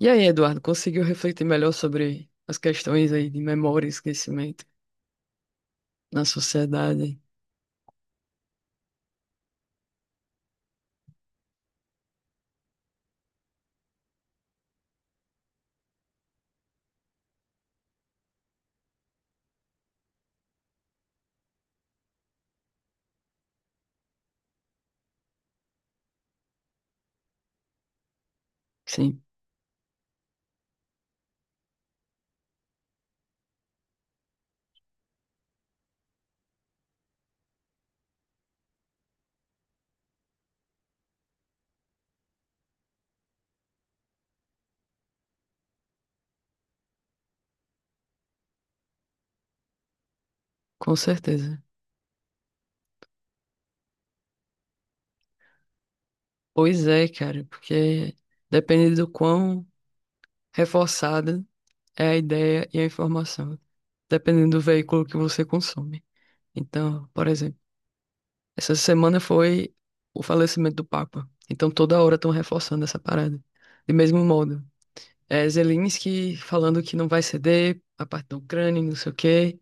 E aí, Eduardo, conseguiu refletir melhor sobre as questões aí de memória e esquecimento na sociedade? Sim, com certeza. Pois é, cara, porque depende do quão reforçada é a ideia e a informação, dependendo do veículo que você consome. Então, por exemplo, essa semana foi o falecimento do Papa. Então, toda hora estão reforçando essa parada. De mesmo modo, é Zelensky falando que não vai ceder a parte da Ucrânia, e não sei o quê.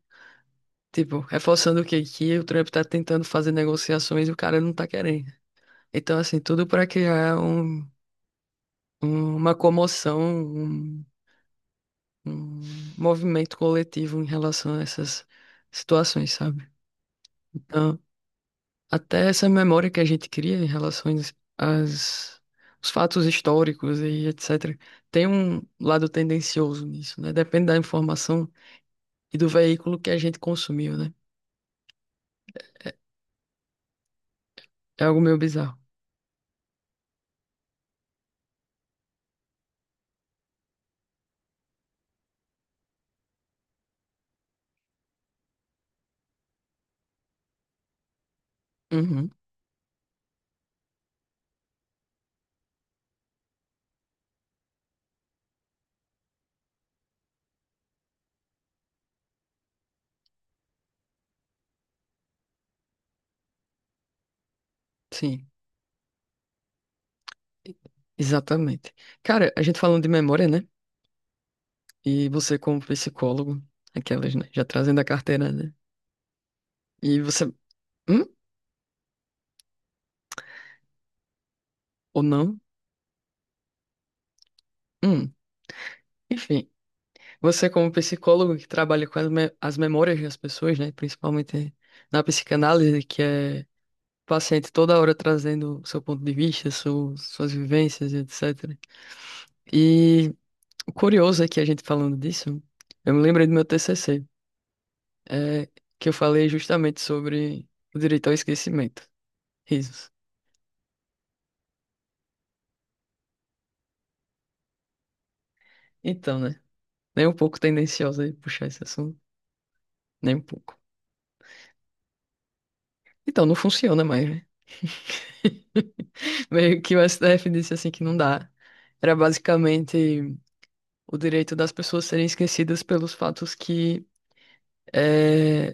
Tipo, reforçando o que, que o Trump tá tentando fazer negociações e o cara não tá querendo. Então, assim, tudo para criar um, uma comoção, um, um movimento coletivo em relação a essas situações, sabe? Então, até essa memória que a gente cria em relação às, aos fatos históricos e etc., tem um lado tendencioso nisso, né? Depende da informação e do veículo que a gente consumiu, né? É algo meio bizarro. Uhum, sim. Exatamente. Cara, a gente falando de memória, né? E você como psicólogo, aquelas, né? Já trazendo a carteira, né? E você, hum? Ou não? Hum. Enfim, você como psicólogo que trabalha com as, as memórias das pessoas, né? Principalmente na psicanálise, que é o paciente toda hora trazendo o seu ponto de vista, suas vivências, etc. E o curioso é que a gente falando disso, eu me lembrei do meu TCC, é, que eu falei justamente sobre o direito ao esquecimento. Risos. Então, né? Nem um pouco tendenciosa de puxar esse assunto. Nem um pouco. Então, não funciona mais, né? Meio que o STF disse assim que não dá. Era basicamente o direito das pessoas serem esquecidas pelos fatos que eh,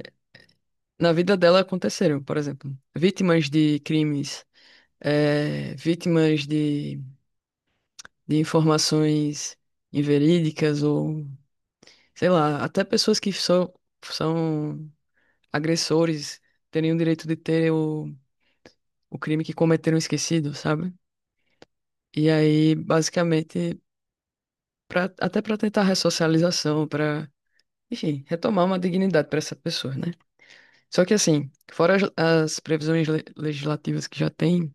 na vida dela aconteceram. Por exemplo, vítimas de crimes, vítimas de informações inverídicas ou, sei lá, até pessoas que são agressores terem o direito de ter o crime que cometeram esquecido, sabe? E aí, basicamente, pra, até para tentar ressocialização, para, enfim, retomar uma dignidade para essa pessoa, né? Só que assim, fora as, as previsões legislativas que já tem,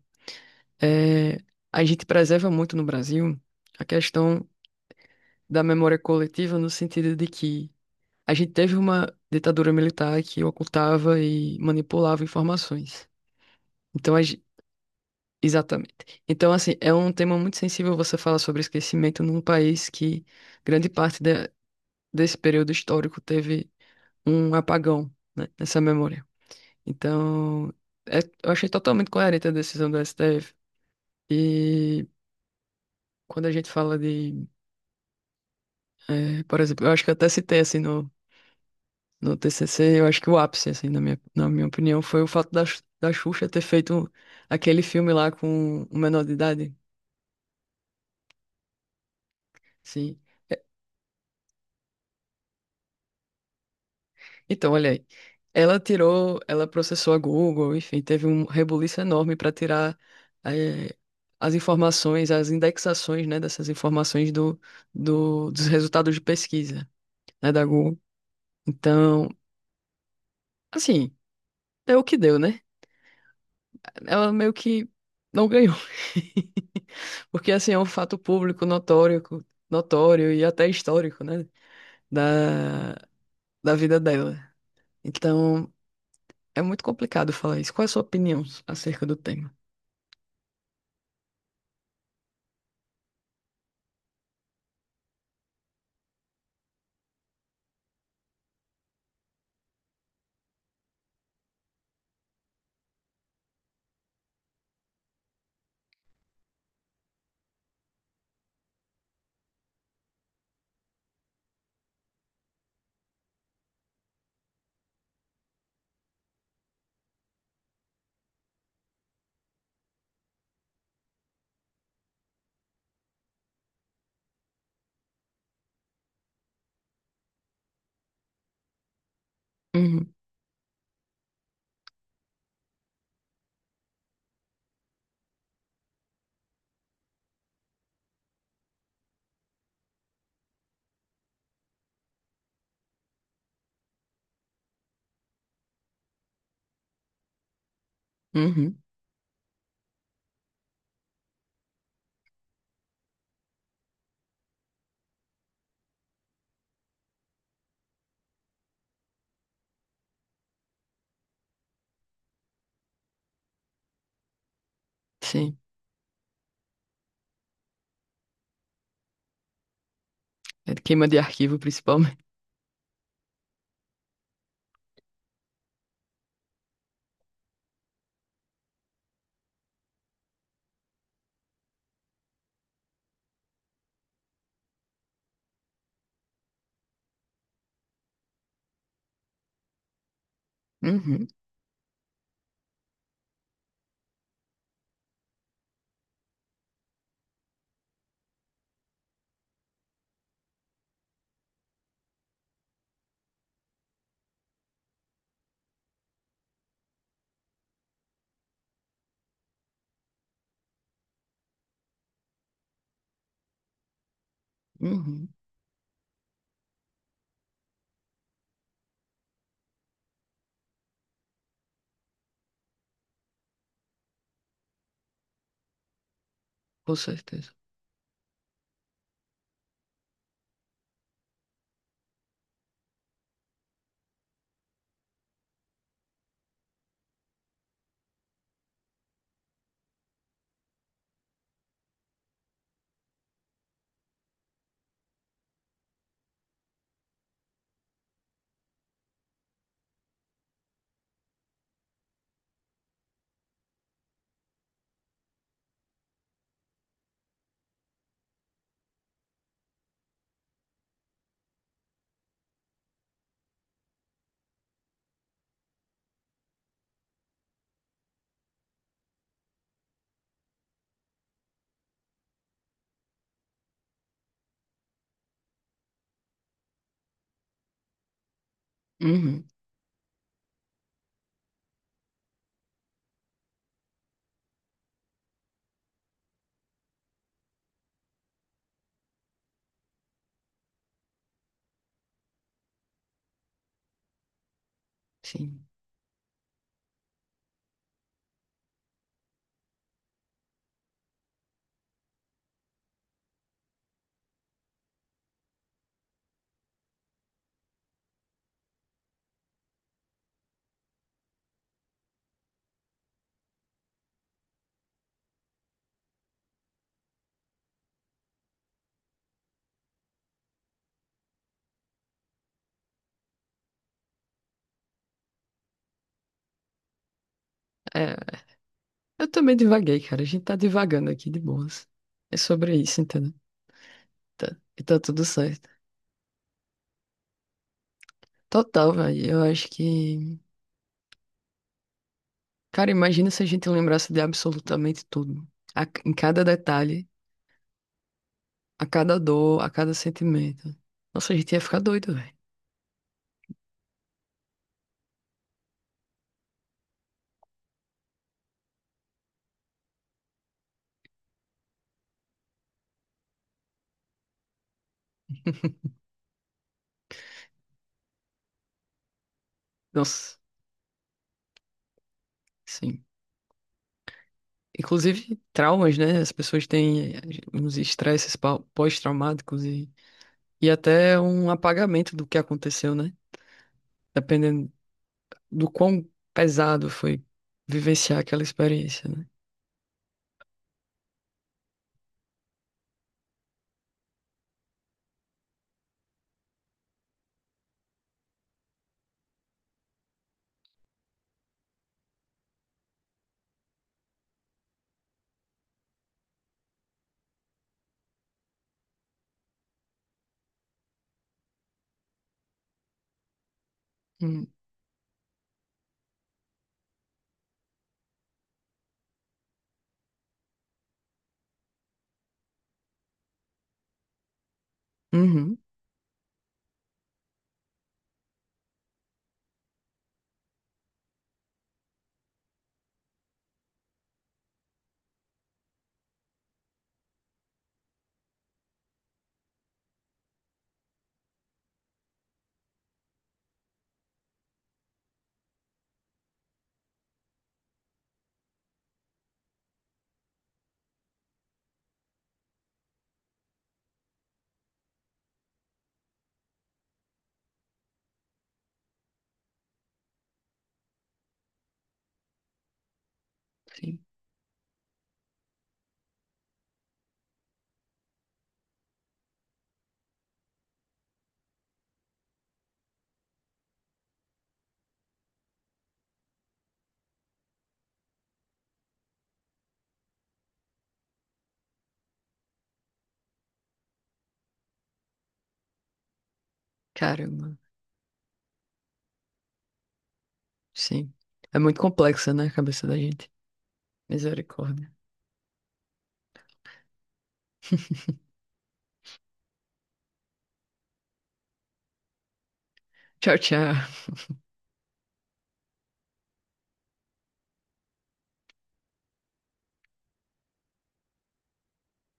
é, a gente preserva muito no Brasil a questão da memória coletiva no sentido de que a gente teve uma ditadura militar que ocultava e manipulava informações. Então, a, exatamente. Então, assim, é um tema muito sensível você falar sobre esquecimento num país que grande parte desse período histórico teve um apagão, né, nessa memória. Então, eu achei totalmente coerente a decisão do STF. E quando a gente fala de, eh, por exemplo, eu acho que eu até citei assim no, no TCC, eu acho que o ápice, assim, na minha opinião, foi o fato da, da Xuxa ter feito aquele filme lá com o menor de idade. Sim. Então, olha aí. Ela tirou, ela processou a Google, enfim, teve um rebuliço enorme para tirar eh, as informações, as indexações, né, dessas informações do, dos resultados de pesquisa, né, da Google. Então, assim, deu o que deu, né? Ela meio que não ganhou. Porque, assim, é um fato público, notório, notório e até histórico, né, da, da vida dela. Então, é muito complicado falar isso. Qual é a sua opinião acerca do tema? Uhum, uhum, sim. É de queima de arquivo, principalmente. Uhum, uhum, com certeza. Uhum, sim. É, eu também divaguei, cara. A gente tá divagando aqui de boas. É sobre isso, entendeu? Tá- e tá tudo certo. Total, velho. Eu acho que. Cara, imagina se a gente lembrasse de absolutamente tudo. A- em cada detalhe, a cada dor, a cada sentimento. Nossa, a gente ia ficar doido, velho. Nossa, sim. Inclusive traumas, né? As pessoas têm uns estresses pós-traumáticos e até um apagamento do que aconteceu, né? Dependendo do quão pesado foi vivenciar aquela experiência, né? Hum, uhum, sim. Caramba, sim. É muito complexa, né, a cabeça da gente. Misericórdia. Tchau, tchau.